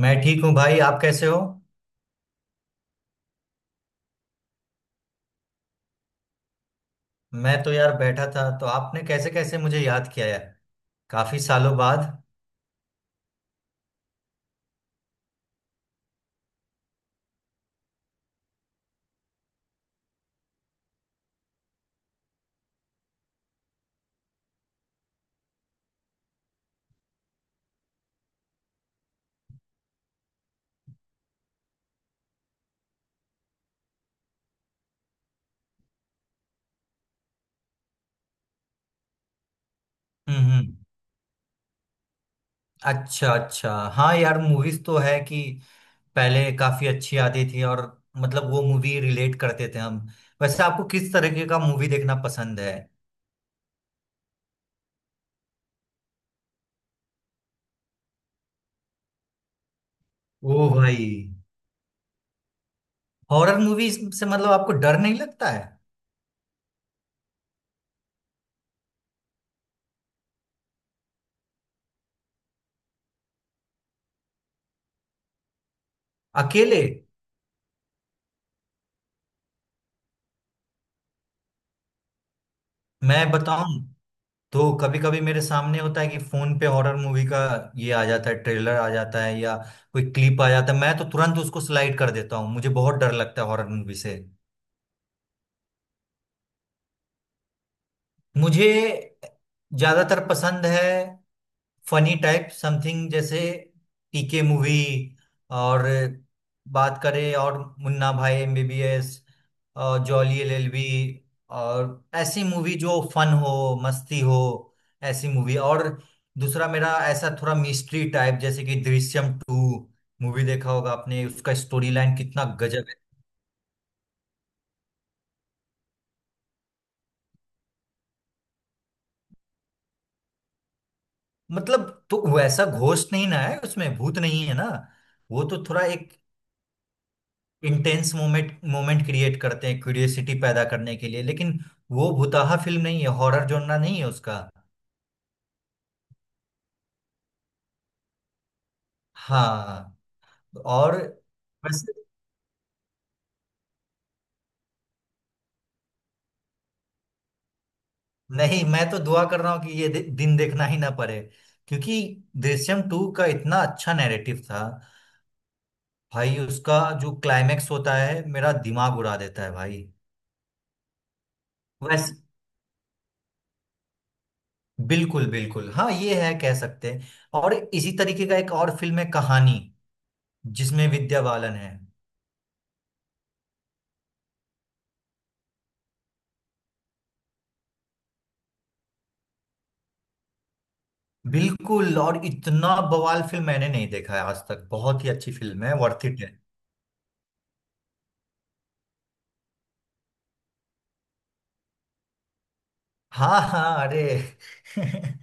मैं ठीक हूँ भाई। आप कैसे हो? मैं तो यार बैठा था। तो आपने कैसे कैसे मुझे याद किया यार, काफी सालों बाद। हम्म, हम्म। अच्छा, अच्छा। हाँ यार, मूवीज तो है कि पहले काफी अच्छी आती थी, और मतलब वो मूवी रिलेट करते थे हम। वैसे आपको किस तरीके का मूवी देखना पसंद है? ओ भाई, हॉरर मूवी से मतलब आपको डर नहीं लगता है? अकेले? मैं बताऊं, तो कभी कभी मेरे सामने होता है कि फोन पे हॉरर मूवी का ये आ जाता है, ट्रेलर आ जाता है या कोई क्लिप आ जाता है। मैं तो तुरंत उसको स्लाइड कर देता हूँ, मुझे बहुत डर लगता है हॉरर मूवी से। मुझे ज्यादातर पसंद है फनी टाइप समथिंग, जैसे पीके मूवी, और बात करें और मुन्ना भाई एमबीबीएस, और जॉली एलएलबी, और ऐसी मूवी जो फन हो, मस्ती हो, ऐसी मूवी। और दूसरा मेरा ऐसा थोड़ा मिस्ट्री टाइप, जैसे कि दृश्यम टू। मूवी देखा होगा आपने, उसका स्टोरी लाइन कितना गजब है। मतलब तो वैसा घोस्ट नहीं ना है उसमें, भूत नहीं है ना। वो तो थोड़ा एक इंटेंस मोमेंट मोमेंट क्रिएट करते हैं क्यूरियोसिटी पैदा करने के लिए, लेकिन वो भुताहा फिल्म नहीं है, हॉरर जोनरा नहीं है उसका। हाँ। और बस नहीं, मैं तो दुआ कर रहा हूँ कि ये दिन देखना ही ना पड़े। क्योंकि दृश्यम टू का इतना अच्छा नैरेटिव था भाई। उसका जो क्लाइमेक्स होता है, मेरा दिमाग उड़ा देता है भाई। वैसे बिल्कुल बिल्कुल, हाँ ये है, कह सकते हैं। और इसी तरीके का एक और फिल्म है कहानी, जिसमें विद्या बालन है। बिल्कुल। और इतना बवाल फिल्म मैंने नहीं देखा है आज तक, बहुत ही अच्छी फिल्म है, वर्थ इट है। हाँ हाँ, अरे हम्म,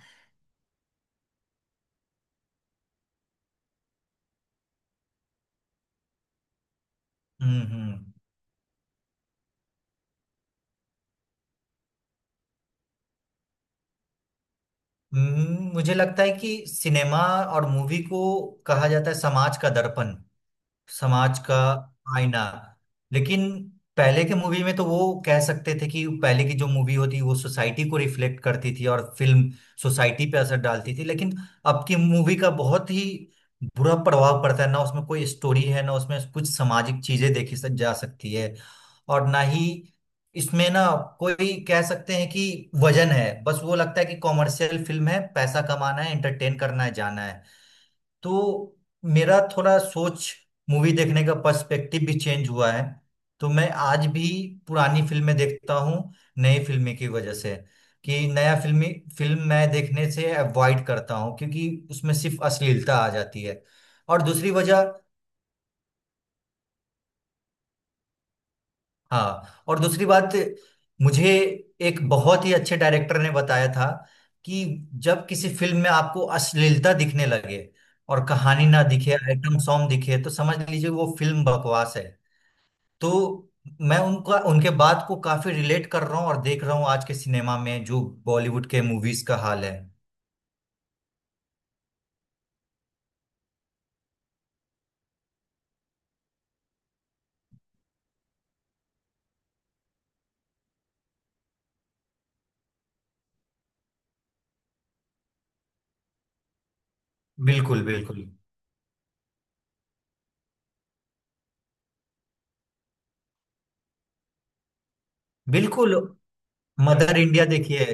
हम्म। मुझे लगता है कि सिनेमा और मूवी को कहा जाता है समाज का दर्पण, समाज का आईना। लेकिन पहले के मूवी में तो वो कह सकते थे कि पहले की जो मूवी होती वो सोसाइटी को रिफ्लेक्ट करती थी, और फिल्म सोसाइटी पे असर डालती थी। लेकिन अब की मूवी का बहुत ही बुरा प्रभाव पड़ता है, ना उसमें कोई स्टोरी है, ना उसमें कुछ सामाजिक चीजें देखी जा सकती है। और ना ही इसमें, ना कोई कह सकते हैं कि वजन है। बस वो लगता है कि कॉमर्शियल फिल्म है, पैसा कमाना है, एंटरटेन करना है, जाना है। तो मेरा थोड़ा सोच, मूवी देखने का पर्सपेक्टिव भी चेंज हुआ है। तो मैं आज भी पुरानी फिल्में देखता हूँ, नई फिल्में की वजह से, कि नया फिल्म मैं देखने से अवॉइड करता हूँ, क्योंकि उसमें सिर्फ अश्लीलता आ जाती है। और दूसरी वजह, हाँ, और दूसरी बात, मुझे एक बहुत ही अच्छे डायरेक्टर ने बताया था कि जब किसी फिल्म में आपको अश्लीलता दिखने लगे और कहानी ना दिखे, आइटम सॉन्ग दिखे, तो समझ लीजिए वो फिल्म बकवास है। तो मैं उनका उनके बात को काफी रिलेट कर रहा हूँ, और देख रहा हूँ आज के सिनेमा में जो बॉलीवुड के मूवीज का हाल है। बिल्कुल, बिल्कुल बिल्कुल, मदर इंडिया देखिए।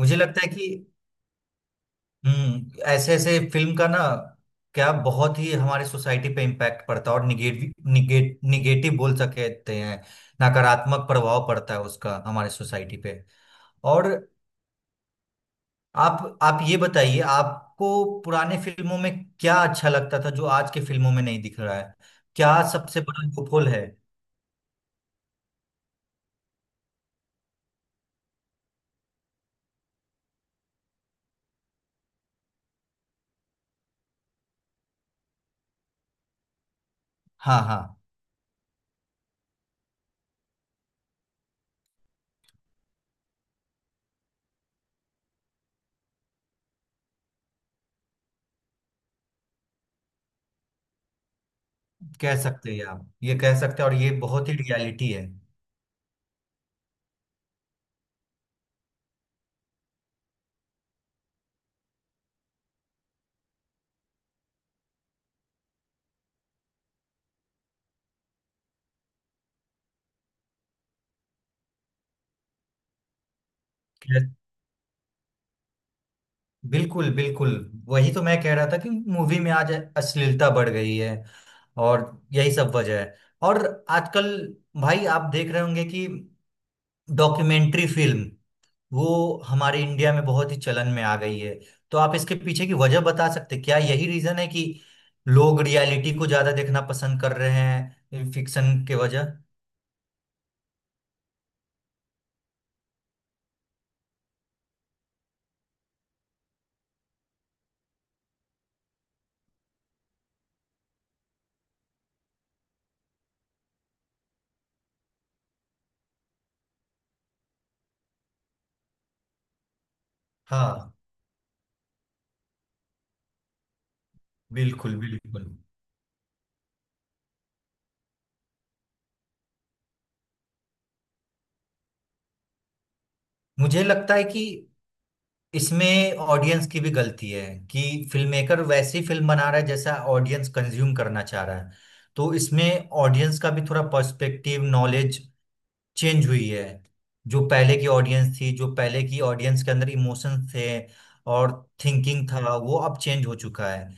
मुझे लगता है कि ऐसे ऐसे फिल्म का ना क्या बहुत ही हमारे सोसाइटी पे इम्पैक्ट पड़ता है, और निगेटिव बोल सकते हैं। नकारात्मक प्रभाव पड़ता है उसका हमारे सोसाइटी पे। और आप ये बताइए, आपको पुराने फिल्मों में क्या अच्छा लगता था जो आज के फिल्मों में नहीं दिख रहा है? क्या सबसे बड़ा लूपहोल है? हाँ हाँ, कह सकते हैं आप, ये कह सकते हैं, और ये बहुत ही रियलिटी है। कह- बिल्कुल बिल्कुल, वही तो मैं कह रहा था कि मूवी में आज अश्लीलता बढ़ गई है। और यही सब वजह है। और आजकल भाई, आप देख रहे होंगे कि डॉक्यूमेंट्री फिल्म वो हमारे इंडिया में बहुत ही चलन में आ गई है। तो आप इसके पीछे की वजह बता सकते हैं? क्या यही रीजन है कि लोग रियलिटी को ज्यादा देखना पसंद कर रहे हैं फिक्शन के वजह? हाँ बिल्कुल बिल्कुल। मुझे लगता है कि इसमें ऑडियंस की भी गलती है, कि फिल्म मेकर वैसी फिल्म बना रहा है जैसा ऑडियंस कंज्यूम करना चाह रहा है। तो इसमें ऑडियंस का भी थोड़ा पर्सपेक्टिव, नॉलेज चेंज हुई है। जो पहले की ऑडियंस थी, जो पहले की ऑडियंस के अंदर इमोशंस थे और थिंकिंग था, वो अब चेंज हो चुका है।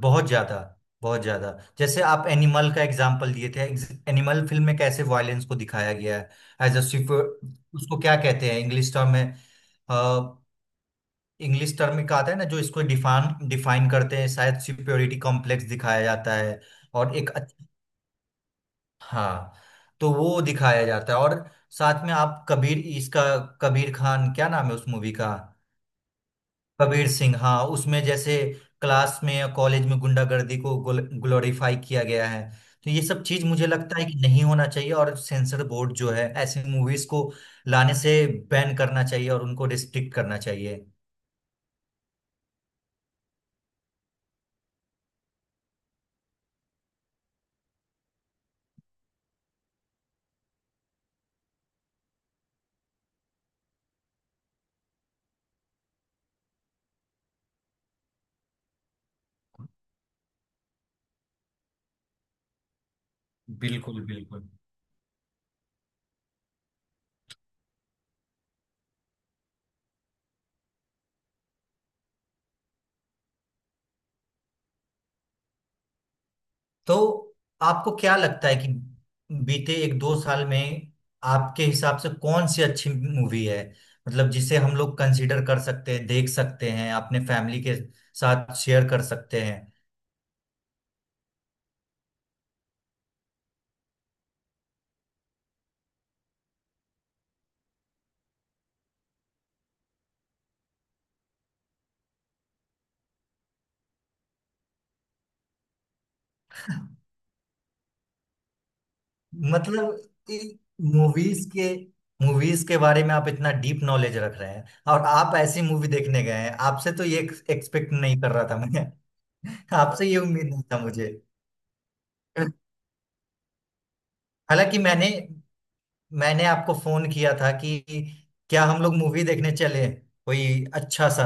बहुत ज्यादा, बहुत ज्यादा। जैसे आप एनिमल का एग्जाम्पल दिए थे, एनिमल फिल्म में कैसे वायलेंस को दिखाया गया है एज अ, उसको क्या कहते हैं इंग्लिश टर्म में? इंग्लिश टर्म का आता है ना जो इसको डिफाइन डिफाइन करते हैं, शायद सुपेरियोरिटी कॉम्प्लेक्स दिखाया जाता है। और एक अच्छा, हाँ, तो वो दिखाया जाता है। और साथ में आप कबीर इसका, कबीर खान, क्या नाम है उस मूवी का? कबीर सिंह हाँ, उसमें जैसे क्लास में या कॉलेज में गुंडागर्दी को ग्लोरीफाई किया गया है। तो ये सब चीज मुझे लगता है कि नहीं होना चाहिए, और सेंसर बोर्ड जो है ऐसी मूवीज को लाने से बैन करना चाहिए, और उनको रिस्ट्रिक्ट करना चाहिए। बिल्कुल बिल्कुल। तो आपको क्या लगता है कि बीते एक दो साल में आपके हिसाब से कौन सी अच्छी मूवी है, मतलब जिसे हम लोग कंसीडर कर सकते हैं, देख सकते हैं अपने फैमिली के साथ, शेयर कर सकते हैं? मतलब मूवीज के मूवीज के बारे में आप इतना डीप नॉलेज रख रहे हैं, और आप ऐसी मूवी देखने गए हैं, आपसे तो ये एक्सपेक्ट नहीं कर रहा था मैं। आपसे ये उम्मीद नहीं था मुझे। हालांकि मैंने मैंने आपको फोन किया था कि क्या हम लोग मूवी देखने चले, कोई अच्छा सा,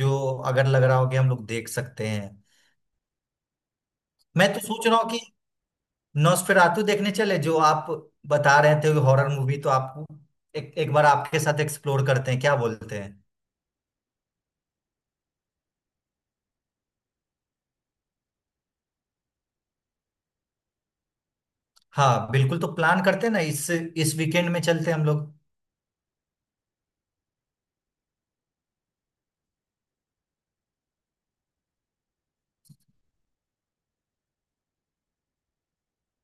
जो अगर लग रहा हो कि हम लोग देख सकते हैं। मैं तो सोच रहा हूँ कि नॉस्फेरातु देखने चले, जो आप बता रहे थे हॉरर मूवी तो आपको, एक एक बार आपके साथ एक्सप्लोर करते हैं। क्या बोलते हैं? हाँ बिल्कुल, तो प्लान करते हैं ना, इस वीकेंड में चलते हैं हम लोग।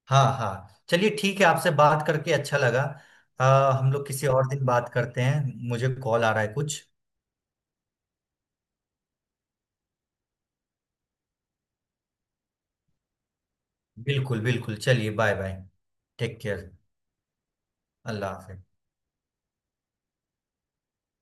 हाँ हाँ चलिए, ठीक है, आपसे बात करके अच्छा लगा। हम लोग किसी और दिन बात करते हैं, मुझे कॉल आ रहा है कुछ। बिल्कुल बिल्कुल चलिए, बाय बाय, टेक केयर, अल्लाह हाफिज।